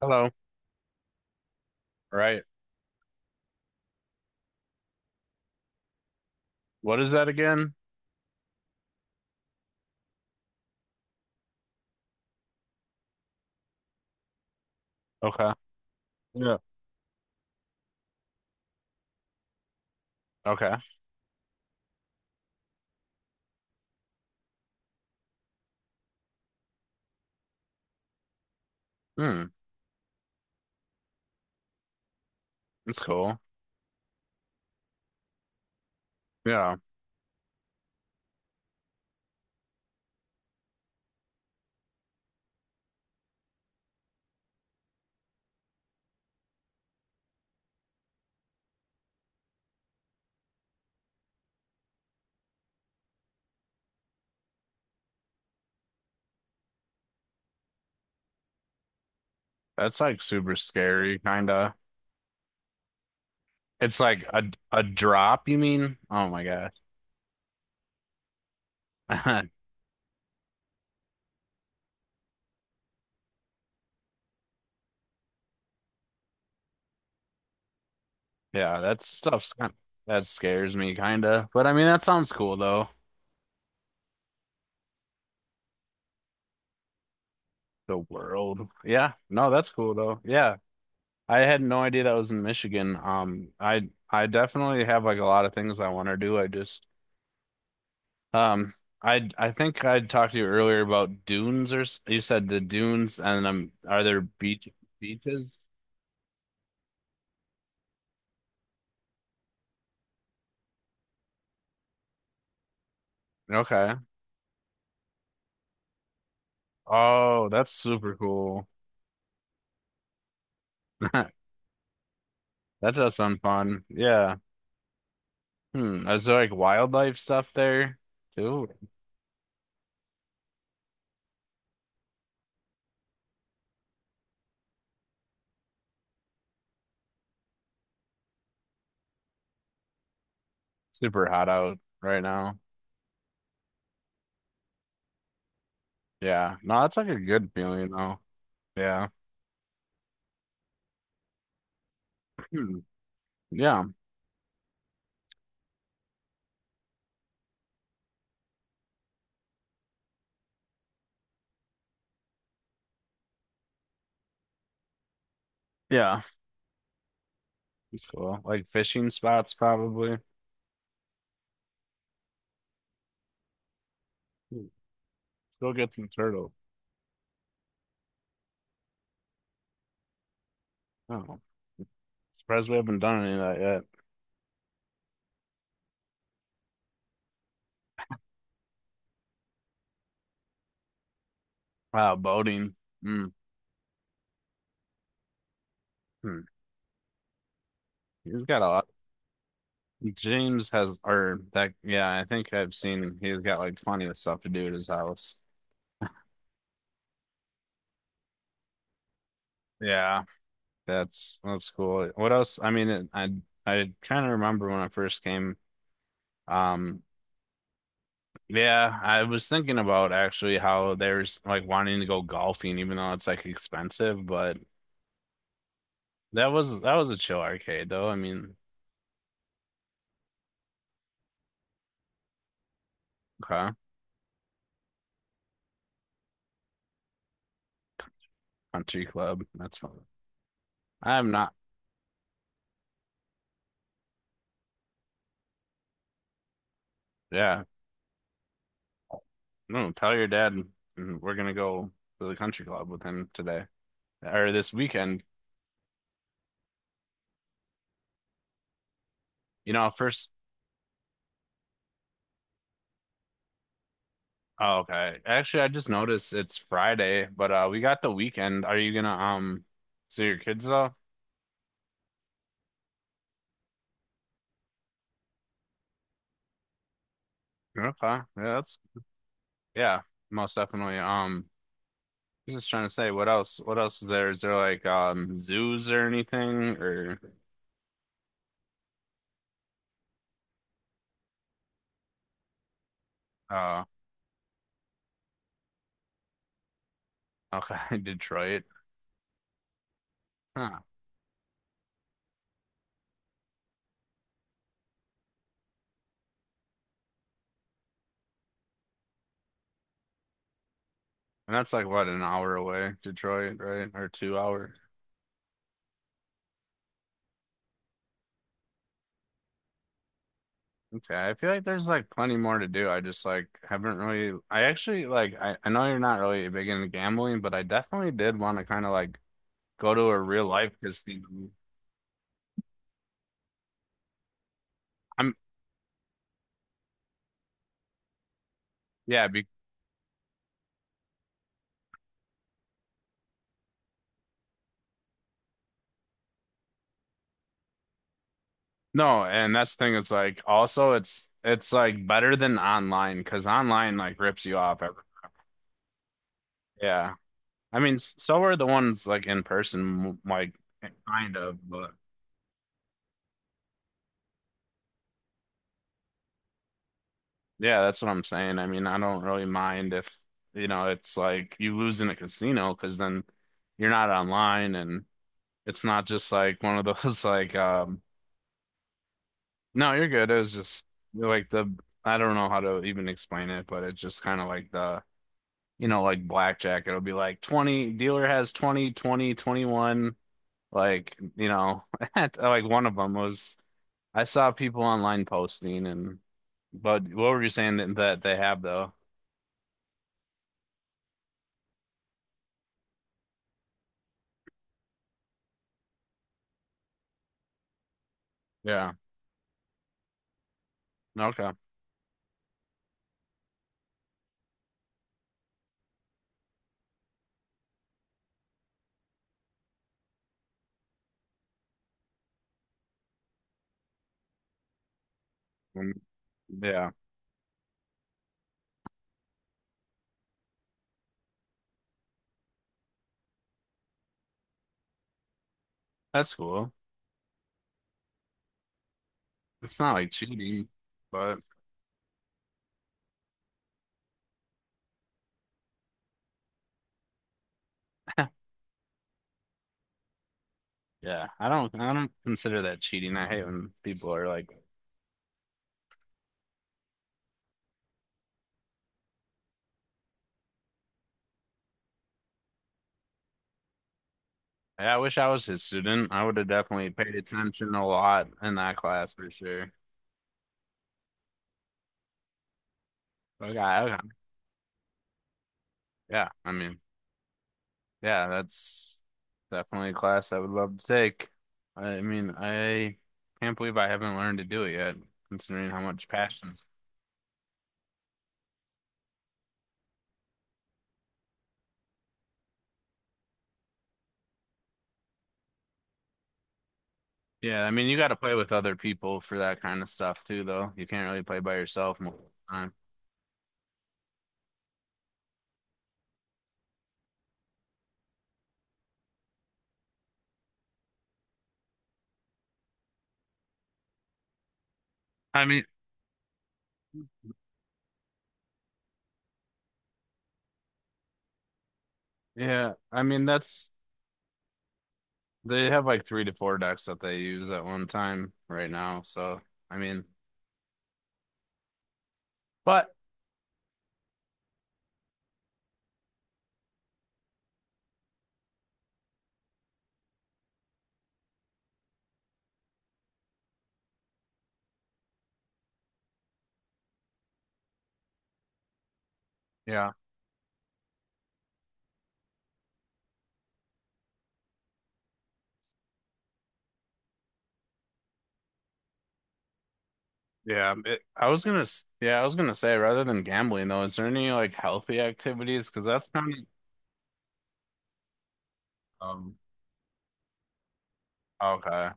Hello. Right. What is that again? Okay. Yeah. Okay. Hmm. That's cool. Yeah. That's like super scary, kinda. It's like a drop, you mean? Oh my gosh. Yeah, that scares me, kinda. But I mean that sounds cool though. The world. Yeah. No, that's cool though. Yeah. I had no idea that was in Michigan. I definitely have like a lot of things I want to do. I just. Um, I think I talked to you earlier about dunes or you said the dunes and are there beaches? Okay. Oh, that's super cool. That does sound fun. Yeah. Hmm. Is there like wildlife stuff there too? Super hot out right now. Yeah. No, that's like a good feeling though. Yeah. Hmm. Yeah. Yeah. It's cool. Like fishing spots probably. Hmm. Let's go get some turtle. Oh. Surprised we haven't done any of that yet. Wow, boating. Mm. Hmm. He's got a lot. James has, or that, yeah, I think I've seen him. He's got like plenty of stuff to do at his house. Yeah, that's cool. What else? I mean, I kind of remember when I first came. Um, yeah, I was thinking about actually how there's like wanting to go golfing, even though it's like expensive. But that was a chill arcade, though. I mean, okay, country club, that's fun. I'm not. Yeah. No, tell your dad, we're gonna go to the country club with him today or this weekend. You know, first, oh, okay. Actually, I just noticed it's Friday, but we got the weekend. Are you gonna see your kids though? Okay, yeah, that's yeah, most definitely. I was just trying to say, what else? What else is there? Is there like zoos or anything, or uh okay, Detroit? Huh. And that's like what, an hour away, Detroit, right? Or 2 hour. Okay, I feel like there's like plenty more to do. I just like haven't really I actually, like, I know you're not really big into gambling, but I definitely did want to kind of like go to a real life casino. I'm yeah, no, and that's the thing, is like also it's like better than online because online like rips you off every. Yeah. I mean, so are the ones like in person, like kind of, but yeah, that's what I'm saying. I mean, I don't really mind if, you know, it's like you lose in a casino because then you're not online and it's not just like one of those like no, you're good. It was just like the I don't know how to even explain it, but it's just kind of like the, you know, like blackjack. It'll be like 20, dealer has 20, 20, 21. Like, you know, like one of them was I saw people online posting and, but what were you saying that they have, though? Yeah. Okay. Mm, yeah, that's cool. It's not like cheating, but yeah, I don't consider that cheating. I hate when people are like, "Hey, I wish I was his student. I would have definitely paid attention a lot in that class for sure." Okay, okay. Yeah, I mean, yeah, that's definitely a class I would love to take. I mean, I can't believe I haven't learned to do it yet, considering how much passion. Yeah, I mean, you got to play with other people for that kind of stuff too, though. You can't really play by yourself most of the time. I mean, yeah, I mean that's they have like three to four decks that they use at one time right now. So I mean, but yeah, yeah. I was gonna, s- yeah, I was gonna say, rather than gambling though, is there any like healthy activities? Because that's kind of okay.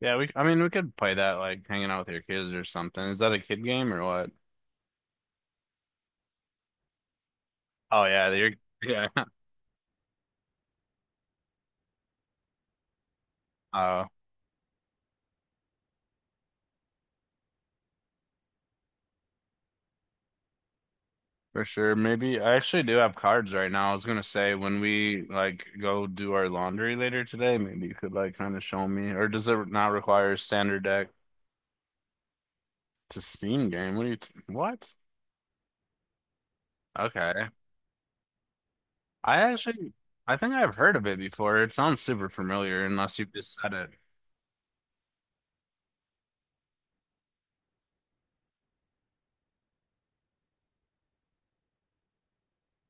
Yeah, we. I mean, we could play that like hanging out with your kids or something. Is that a kid game or what? Oh yeah, you're yeah. Oh. For sure. Maybe I actually do have cards right now. I was gonna say when we like go do our laundry later today, maybe you could like kind of show me. Or does it not require a standard deck to Steam game? What do you t what? Okay. I actually I think I've heard of it before. It sounds super familiar unless you just said it.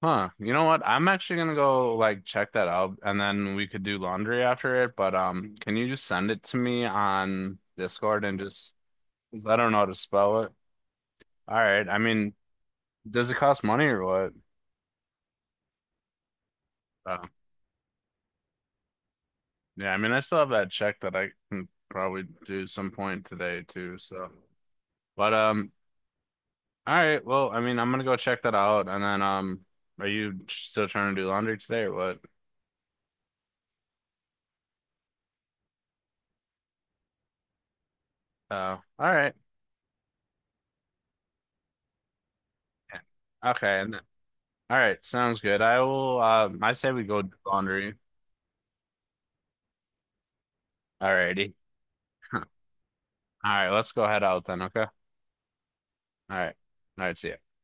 Huh. You know what? I'm actually gonna go like check that out and then we could do laundry after it. But can you just send it to me on Discord and just, 'cause I don't know how to spell it. All right. I mean, does it cost money or what? Oh, yeah, I mean, I still have that check that I can probably do some point today too. So, but all right. Well, I mean, I'm gonna go check that out, and then are you still trying to do laundry today or what? All right. Yeah. Okay. All right. Sounds good. I will. I say we go do laundry. All righty. All right. Let's go head out then. Okay. All right. All right. See ya.